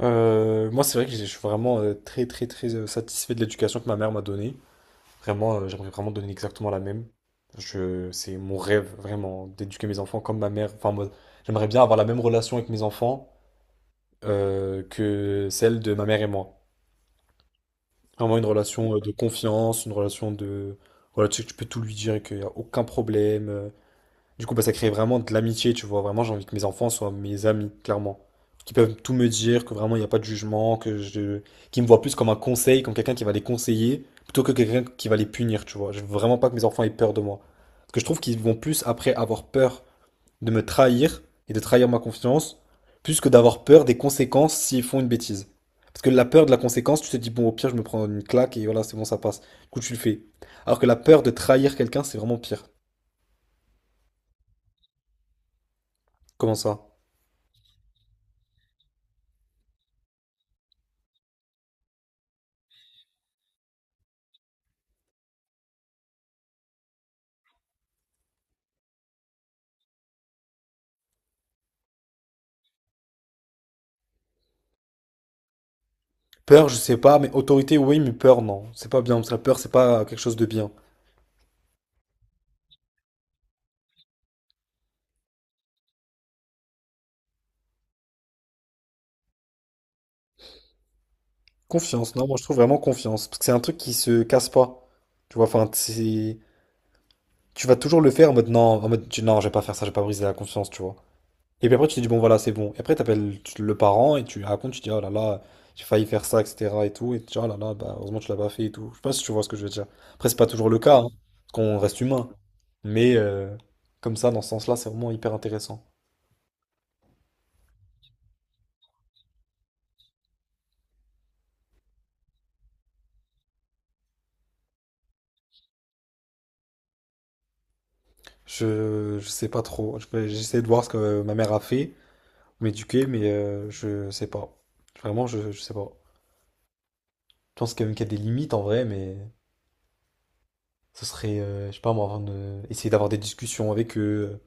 Moi, c'est vrai que je suis vraiment très, très, très satisfait de l'éducation que ma mère m'a donnée. Vraiment, j'aimerais vraiment donner exactement la même. C'est mon rêve, vraiment, d'éduquer mes enfants comme ma mère. Enfin, moi, j'aimerais bien avoir la même relation avec mes enfants que celle de ma mère et moi. Vraiment une relation de confiance, une relation de... Voilà, tu sais que tu peux tout lui dire et qu'il n'y a aucun problème. Du coup, bah, ça crée vraiment de l'amitié, tu vois. Vraiment, j'ai envie que mes enfants soient mes amis, clairement. Qui peuvent tout me dire, que vraiment, il n'y a pas de jugement, que je... qui me voient plus comme un conseil, comme quelqu'un qui va les conseiller, plutôt que quelqu'un qui va les punir, tu vois. Je veux vraiment pas que mes enfants aient peur de moi. Parce que je trouve qu'ils vont plus, après avoir peur de me trahir et de trahir ma confiance, plus que d'avoir peur des conséquences s'ils font une bêtise. Parce que la peur de la conséquence, tu te dis, bon, au pire, je me prends une claque et voilà, c'est bon, ça passe. Du coup, tu le fais. Alors que la peur de trahir quelqu'un, c'est vraiment pire. Comment ça? Peur, je sais pas, mais autorité, oui, mais peur, non. C'est pas bien, parce que la peur, c'est pas quelque chose de bien. Confiance, non, moi je trouve vraiment confiance, parce que c'est un truc qui se casse pas. Tu vois, enfin, c'est... Tu vas toujours le faire en mode non, en mode non, je vais pas faire ça, je vais pas briser la confiance, tu vois. Et puis après, tu te dis bon, voilà, c'est bon. Et après, t'appelles le parent et tu lui racontes, tu dis oh là là, j'ai failli faire ça, etc. et tout. Et tu dis oh là là, bah, heureusement, tu l'as pas fait et tout. Je sais pas si tu vois ce que je veux dire. Après, c'est pas toujours le cas, hein, parce qu'on reste humain. Mais comme ça, dans ce sens-là, c'est vraiment hyper intéressant. Je sais pas trop. J'essaie de voir ce que ma mère a fait, m'éduquer, mais je sais pas. Vraiment, je sais pas. Je pense quand même qu'il y a des limites en vrai, mais ce serait, je sais pas moi, essayer d'avoir des discussions avec eux,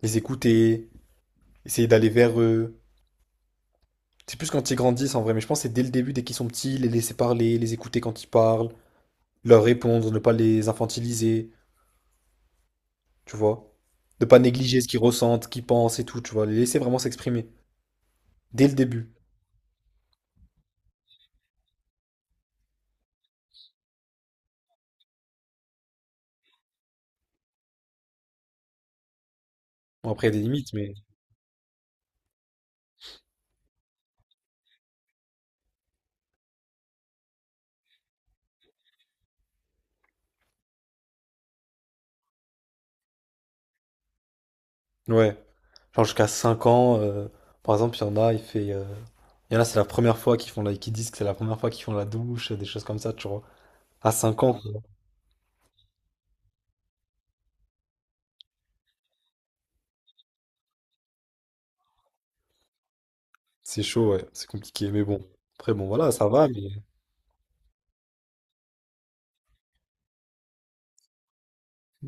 les écouter, essayer d'aller vers eux. C'est plus quand ils grandissent en vrai, mais je pense que c'est dès le début, dès qu'ils sont petits, les laisser parler, les écouter quand ils parlent, leur répondre, ne pas les infantiliser, tu vois. Ne pas négliger ce qu'ils ressentent, ce qu'ils pensent et tout, tu vois. Les laisser vraiment s'exprimer. Dès le début. Bon, après, il y a des limites, mais. Ouais. Genre jusqu'à 5 ans, par exemple, il y en a, il fait. Il y en a, c'est la première fois qu'ils font la... qu'ils disent que c'est la première fois qu'ils font la douche, des choses comme ça, tu vois. À 5 ans, quoi. C'est chaud, ouais, c'est compliqué, mais bon. Après, bon, voilà, ça va, mais.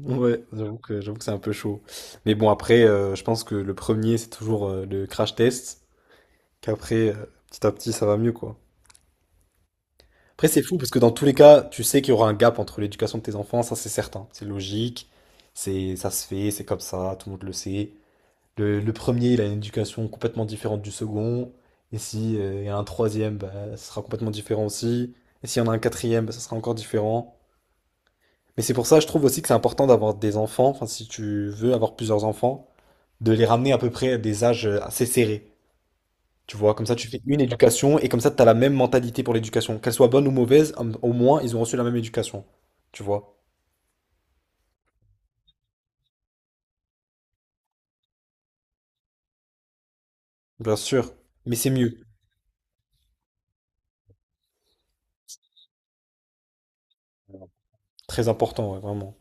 Ouais, j'avoue que c'est un peu chaud. Mais bon, après, je pense que le premier, c'est toujours le crash test, qu'après, petit à petit, ça va mieux, quoi. Après, c'est fou, parce que dans tous les cas, tu sais qu'il y aura un gap entre l'éducation de tes enfants, ça, c'est certain. C'est logique, c'est, ça se fait, c'est comme ça, tout le monde le sait. Le premier, il a une éducation complètement différente du second. Et si, il y a un troisième, bah, ce sera complètement différent aussi. Et s'il y en a un quatrième, bah, ça sera encore différent. Mais c'est pour ça, je trouve aussi que c'est important d'avoir des enfants, enfin, si tu veux avoir plusieurs enfants, de les ramener à peu près à des âges assez serrés. Tu vois, comme ça, tu fais une éducation et comme ça, tu as la même mentalité pour l'éducation. Qu'elle soit bonne ou mauvaise, au moins, ils ont reçu la même éducation. Tu vois, bien sûr. Mais c'est mieux. Très important, ouais, vraiment.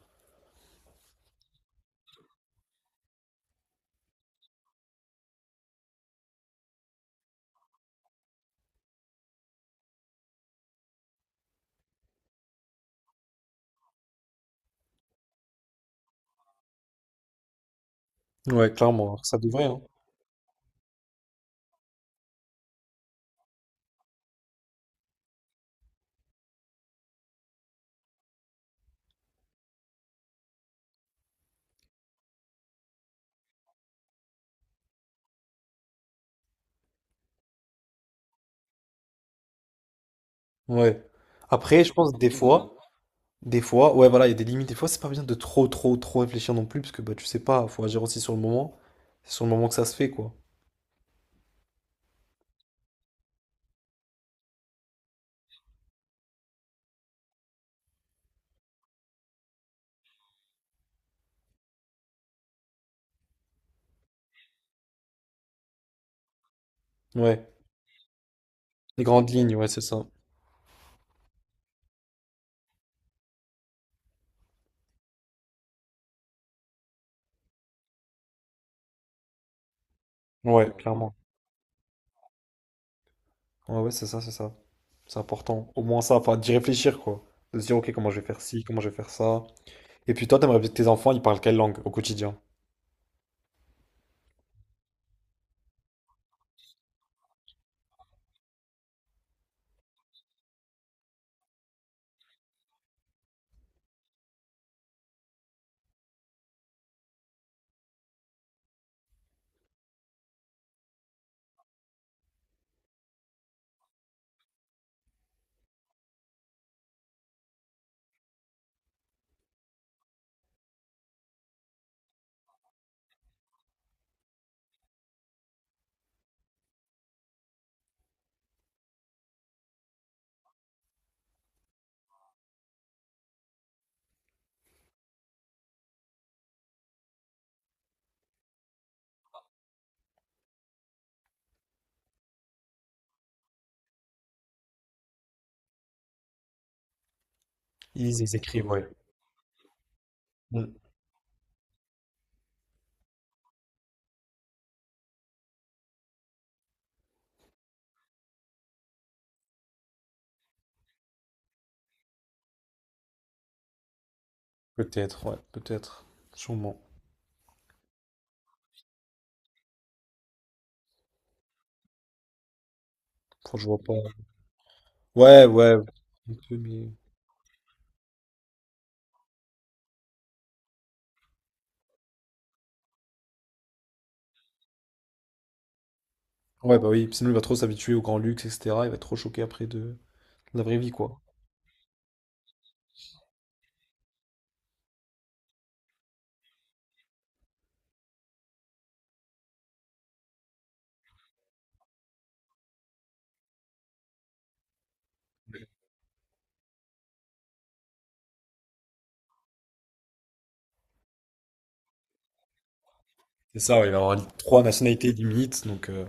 Ouais, clairement, ça devrait, hein. Ouais. Après, je pense des fois. Des fois, ouais, voilà, il y a des limites. Des fois, c'est pas bien de trop, trop, trop réfléchir non plus, parce que bah, tu sais pas, faut agir aussi sur le moment. C'est sur le moment que ça se fait, quoi. Ouais, les grandes lignes, ouais, c'est ça. Ouais, clairement. Ouais, ouais, c'est ça, c'est ça. C'est important. Au moins ça, enfin, d'y réfléchir, quoi. De se dire, ok, comment je vais faire ci, comment je vais faire ça. Et puis toi, t'aimerais bien que tes enfants, ils parlent quelle langue au quotidien? Ils écrivent, ouais. Mm. Peut-être, ouais, peut-être. Sûrement. Enfin, je vois pas. Ouais, ouais. Un peu, mais. Ouais, bah oui, sinon il va trop s'habituer au grand luxe, etc. Il va être trop choqué après de la vraie vie, quoi. C'est ça, ouais, il va avoir trois nationalités limites. Donc,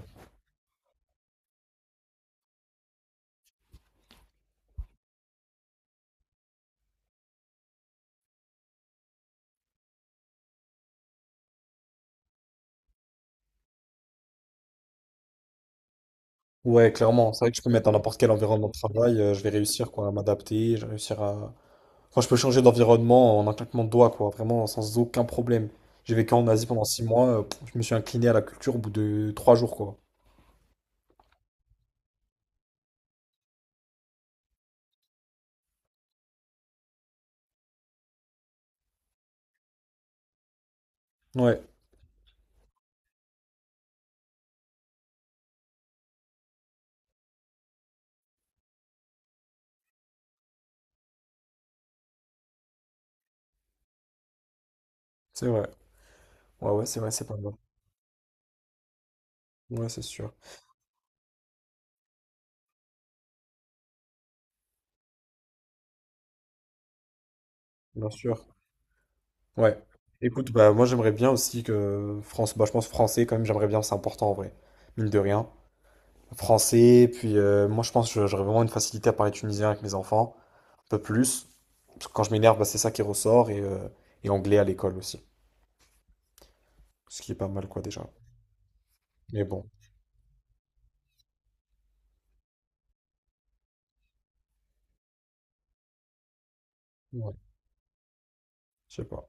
ouais, clairement, c'est vrai que je peux me mettre dans n'importe quel environnement de travail, je vais réussir quoi, à m'adapter, je vais réussir à. Enfin, je peux changer d'environnement en un claquement de doigts, quoi, vraiment sans aucun problème. J'ai vécu en Asie pendant 6 mois, pff, je me suis incliné à la culture au bout de 3 jours, quoi. Ouais, c'est vrai. Ouais, ouais, c'est vrai, c'est pas mal. Ouais, c'est sûr. Bien sûr. Ouais. Écoute, bah moi j'aimerais bien aussi que France, bah je pense français quand même, j'aimerais bien, c'est important en vrai. Mine de rien. Français. Puis moi, je pense que j'aurais vraiment une facilité à parler tunisien avec mes enfants, un peu plus. Parce que quand je m'énerve, bah, c'est ça qui ressort. Et anglais à l'école aussi. Ce qui est pas mal, quoi, déjà. Mais bon, ouais, je sais pas.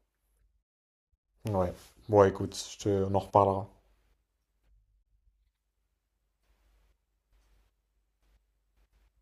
Ouais. Bon, écoute, on en reparlera.